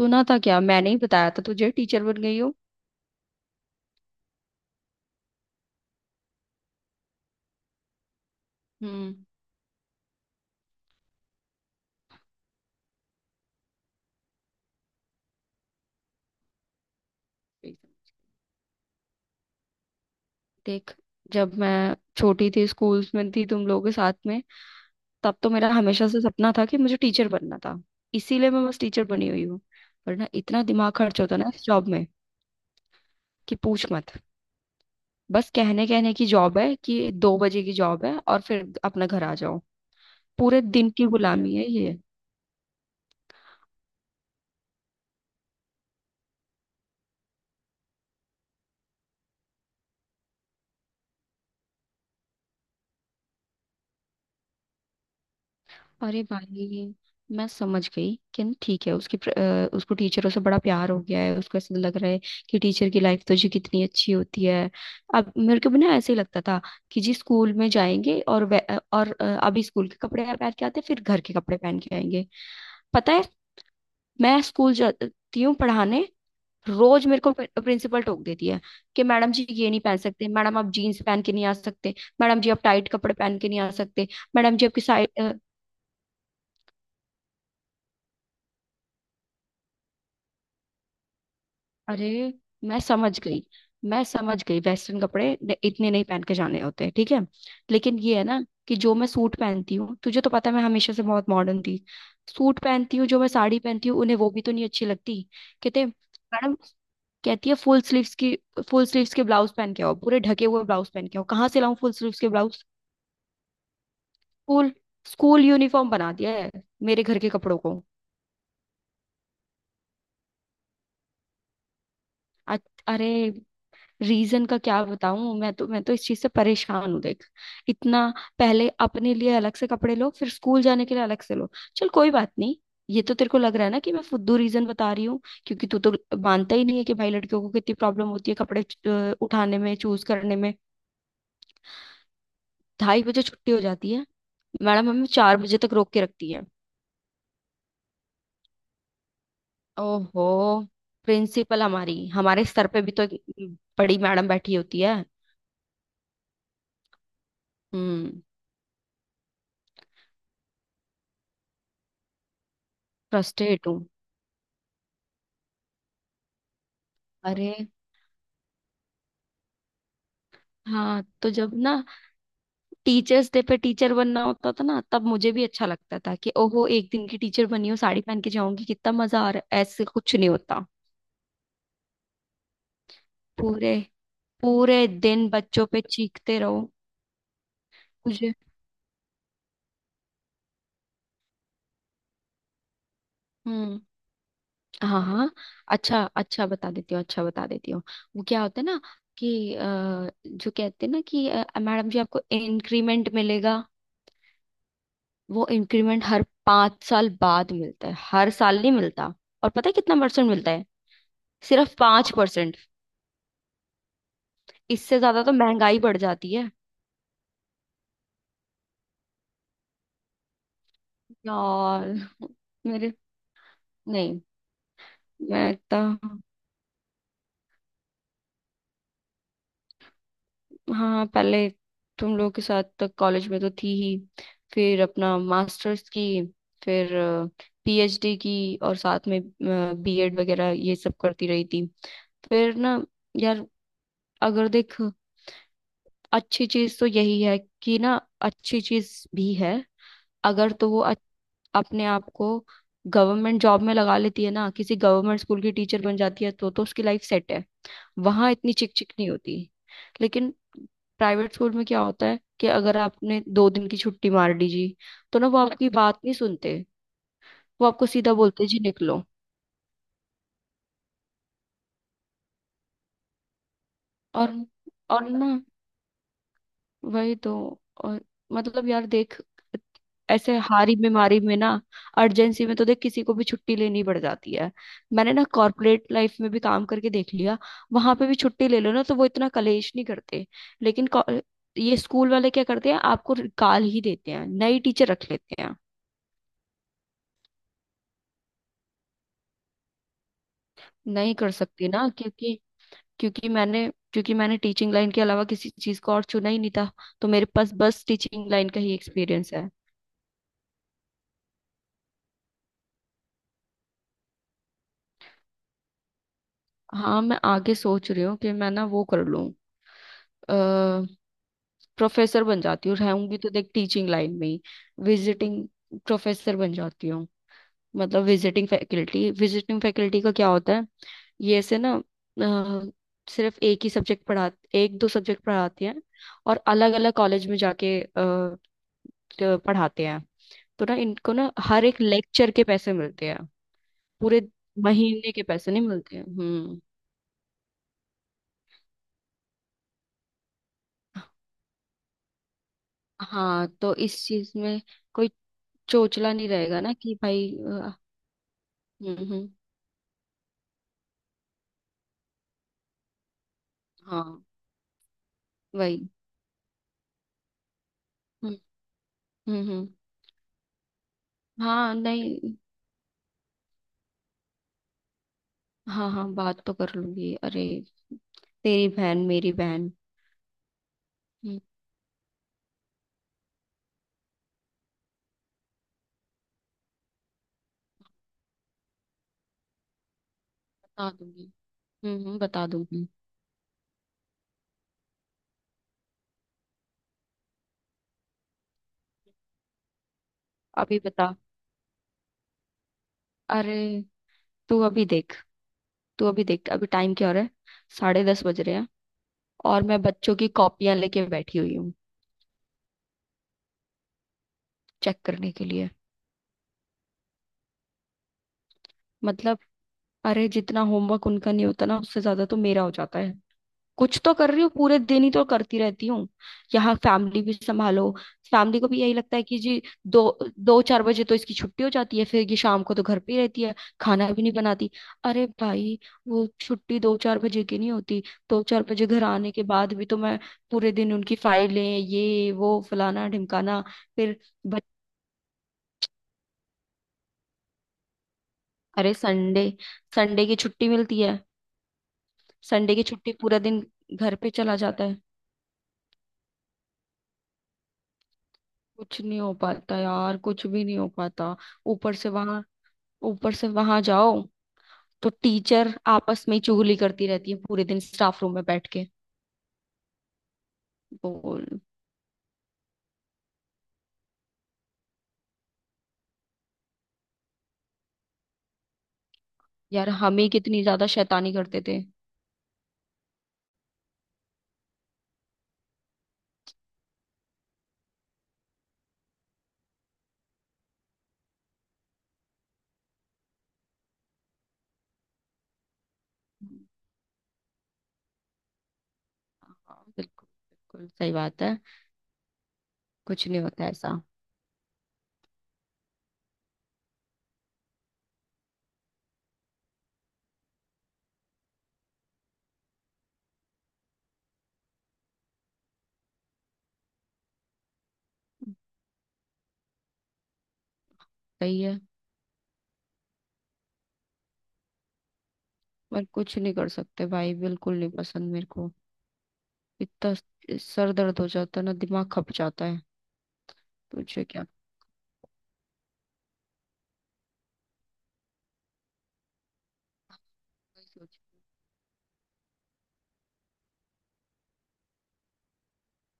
सुना था क्या? मैंने ही बताया था तुझे टीचर बन गई हो। हम्म। देख, जब मैं छोटी थी स्कूल्स में थी तुम लोगों के साथ में तब तो मेरा हमेशा से सपना था कि मुझे टीचर बनना था। इसीलिए मैं बस टीचर बनी हुई हूँ। वरना इतना दिमाग खर्च होता ना इस जॉब में कि पूछ मत। बस कहने कहने की जॉब है कि 2 बजे की जॉब है और फिर अपना घर आ जाओ। पूरे दिन की गुलामी है ये। अरे भाई, मैं समझ गई कि न ठीक है उसकी उसको टीचरों से बड़ा प्यार हो गया है, उसको ऐसा लग रहा है कि टीचर की लाइफ तो जी कितनी अच्छी होती है। अब मेरे को भी ना ऐसे ही लगता था कि जी स्कूल में जाएंगे और और अभी स्कूल के कपड़े पहन के आते फिर घर के कपड़े पहन के आएंगे। पता है, मैं स्कूल जाती हूँ पढ़ाने। रोज मेरे को प्रिंसिपल टोक देती है कि मैडम जी ये नहीं पहन सकते, मैडम आप जीन्स पहन के नहीं आ सकते, मैडम जी आप टाइट कपड़े पहन के नहीं आ सकते, मैडम जी आपकी। अरे मैं समझ गई, मैं समझ गई वेस्टर्न कपड़े इतने नहीं पहन के जाने होते, ठीक है। लेकिन ये है ना कि जो मैं सूट पहनती हूँ, तुझे तो पता है मैं हमेशा से बहुत मॉडर्न थी। सूट पहनती हूँ जो मैं, साड़ी पहनती हूँ उन्हें, वो भी तो नहीं अच्छी लगती। कहते मैडम, कहती है फुल स्लीव्स की, फुल स्लीव्स के ब्लाउज पहन के आओ, पूरे ढके हुए ब्लाउज पहन के आओ। कहाँ से लाऊं फुल स्लीव्स के ब्लाउज? स्कूल स्कूल यूनिफॉर्म बना दिया है मेरे घर के कपड़ों को। अ- अरे, रीजन का क्या बताऊं, मैं तो इस चीज से परेशान हूँ, देख। इतना पहले अपने लिए अलग से कपड़े लो, फिर स्कूल जाने के लिए अलग से लो। चल कोई बात नहीं। ये तो तेरे को लग रहा है ना कि मैं फुद्दू रीजन बता रही हूँ, क्योंकि तू तो मानता ही नहीं है कि भाई लड़कियों को कितनी प्रॉब्लम होती है कपड़े उठाने में, चूज करने में। 2:30 बजे छुट्टी हो जाती है, मैडम हमें 4 बजे तक रोक के रखती है। ओहो, प्रिंसिपल हमारी, हमारे सर पे भी तो एक बड़ी मैडम बैठी होती है। हम्म। फ्रस्ट्रेट हूँ। अरे। हाँ, तो जब ना टीचर्स डे पे टीचर बनना होता था ना, तब मुझे भी अच्छा लगता था कि ओहो एक दिन की टीचर बनी हूँ, साड़ी पहन के जाऊंगी, कितना मजा आ रहा है, ऐसे कुछ नहीं होता। पूरे पूरे दिन बच्चों पे चीखते रहो। मुझे। हम्म। हाँ हाँ, अच्छा अच्छा बता देती हूँ, अच्छा बता देती हूँ। वो क्या होता है ना कि जो कहते हैं ना कि मैडम जी आपको इंक्रीमेंट मिलेगा, वो इंक्रीमेंट हर 5 साल बाद मिलता है, हर साल नहीं मिलता। और पता है कितना परसेंट मिलता है? सिर्फ 5%। इससे ज्यादा तो महंगाई बढ़ जाती है। यार मेरे। नहीं, मैं इतना। हाँ, पहले तुम लोग के साथ तक कॉलेज में तो थी ही, फिर अपना मास्टर्स की, फिर पीएचडी की, और साथ में बीएड वगैरह ये सब करती रही थी। फिर ना यार, अगर देख, अच्छी चीज तो यही है कि ना, अच्छी चीज भी है। अगर तो वो अपने आप को गवर्नमेंट जॉब में लगा लेती है ना, किसी गवर्नमेंट स्कूल की टीचर बन जाती है, तो उसकी लाइफ सेट है। वहां इतनी चिक चिक नहीं होती। लेकिन प्राइवेट स्कूल में क्या होता है कि अगर आपने 2 दिन की छुट्टी मार दी जी, तो ना वो आपकी बात नहीं सुनते, वो आपको सीधा बोलते हैं, जी निकलो। और और ना वही तो, और, मतलब यार देख, ऐसे हारी बीमारी में ना, अर्जेंसी में तो देख किसी को भी छुट्टी लेनी पड़ जाती है। मैंने ना कॉर्पोरेट लाइफ में भी काम करके देख लिया, वहां पे भी छुट्टी ले लो ना, तो वो इतना कलेश नहीं करते। लेकिन ये स्कूल वाले क्या करते हैं, आपको गाल ही देते हैं, नई टीचर रख लेते हैं। नहीं कर सकती ना क्योंकि क्योंकि मैंने टीचिंग लाइन के अलावा किसी चीज को और चुना ही नहीं था, तो मेरे पास बस टीचिंग लाइन का ही एक्सपीरियंस है। हाँ, मैं आगे सोच रही हूँ कि मैं ना वो कर लूँ, प्रोफेसर बन जाती हूँ, रहूंगी तो देख टीचिंग लाइन में ही। विजिटिंग प्रोफेसर बन जाती हूँ। मतलब विजिटिंग फैकल्टी, विजिटिंग फैकल्टी का क्या होता है? ये ऐसे ना, अ, सिर्फ एक ही सब्जेक्ट पढ़ा, एक दो सब्जेक्ट पढ़ाते हैं और अलग अलग कॉलेज में जाके पढ़ाते हैं। तो ना इनको ना हर एक लेक्चर के पैसे मिलते हैं, पूरे महीने के पैसे नहीं मिलते हैं। हम्म। हाँ, तो इस चीज में कोई चोचला नहीं रहेगा ना कि हम्म। हाँ। वही। हम्म हम्म। हम्म। हाँ नहीं, हाँ हाँ बात तो कर लूंगी, अरे तेरी बहन मेरी बहन। हम्म, बता दूंगी, बता दूंगी। अभी बता, अरे तू अभी देख, तू अभी देख अभी टाइम क्या हो रहा है, 10:30 बज रहे हैं और मैं बच्चों की कॉपियां लेके बैठी हुई हूँ चेक करने के लिए। मतलब, अरे जितना होमवर्क उनका नहीं होता ना उससे ज्यादा तो मेरा हो जाता है, कुछ तो कर रही हूँ, पूरे दिन ही तो करती रहती हूँ। यहाँ फैमिली भी संभालो, फैमिली को भी यही लगता है कि जी दो दो चार बजे तो इसकी छुट्टी हो जाती है, फिर ये शाम को तो घर पे ही रहती है, खाना भी नहीं बनाती। अरे भाई, वो छुट्टी दो चार बजे की नहीं होती, दो चार बजे घर आने के बाद भी तो मैं पूरे दिन उनकी फाइलें, ये वो, फलाना ढिमकाना। फिर बच- अरे संडे, संडे की छुट्टी मिलती है, संडे की छुट्टी पूरा दिन घर पे चला जाता है। कुछ नहीं हो पाता यार, कुछ भी नहीं हो पाता। ऊपर से वहां ऊपर से वहां जाओ तो टीचर आपस में ही चुगली करती रहती है पूरे दिन स्टाफ रूम में बैठ के। बोल। यार हम ही कितनी ज्यादा शैतानी करते थे। हाँ, बिल्कुल बिल्कुल सही बात है। कुछ नहीं होता ऐसा। सही है। पर कुछ नहीं कर सकते भाई, बिल्कुल नहीं पसंद मेरे को। इतना सर दर्द हो जाता है ना, दिमाग खप जाता है। तुझे क्या।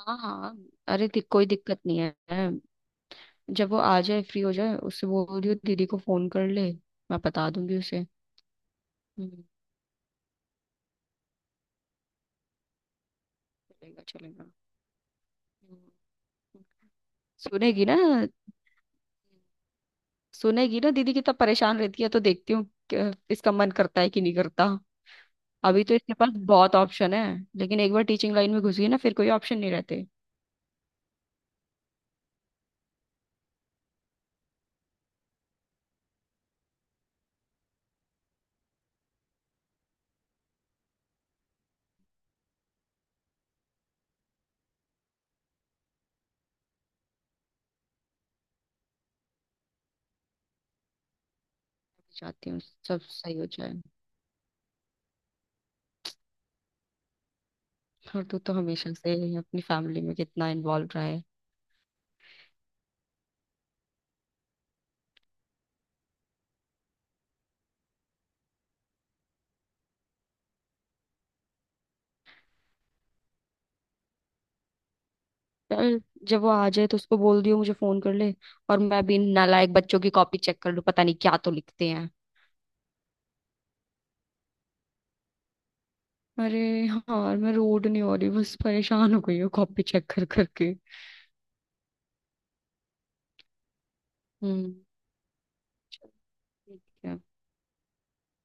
हाँ हाँ, अरे कोई दिक्कत नहीं है। जब वो आ जाए, फ्री हो जाए, उससे बोल दियो दीदी को फोन कर ले, मैं बता दूंगी उसे। हम्म। चलेगा चलेगा। हम्म, सुनेगी ना, सुनेगी ना दीदी कितना परेशान रहती है, तो देखती हूँ इसका मन करता है कि नहीं करता। अभी तो इसके पास बहुत ऑप्शन है, लेकिन एक बार टीचिंग लाइन में घुस गई ना फिर कोई ऑप्शन नहीं रहते। चाहती हूँ सब सही हो जाए। और तू तो हमेशा से अपनी फैमिली में कितना इन्वॉल्व रहा है। चल, जब वो आ जाए तो उसको बोल दियो मुझे फोन कर ले, और मैं भी इन नालायक बच्चों की कॉपी चेक कर लूं, पता नहीं क्या तो लिखते हैं। अरे यार मैं रोड नहीं हो रही, बस परेशान हो गई हूँ कॉपी चेक कर करके। हम्म। चल, ठीक है।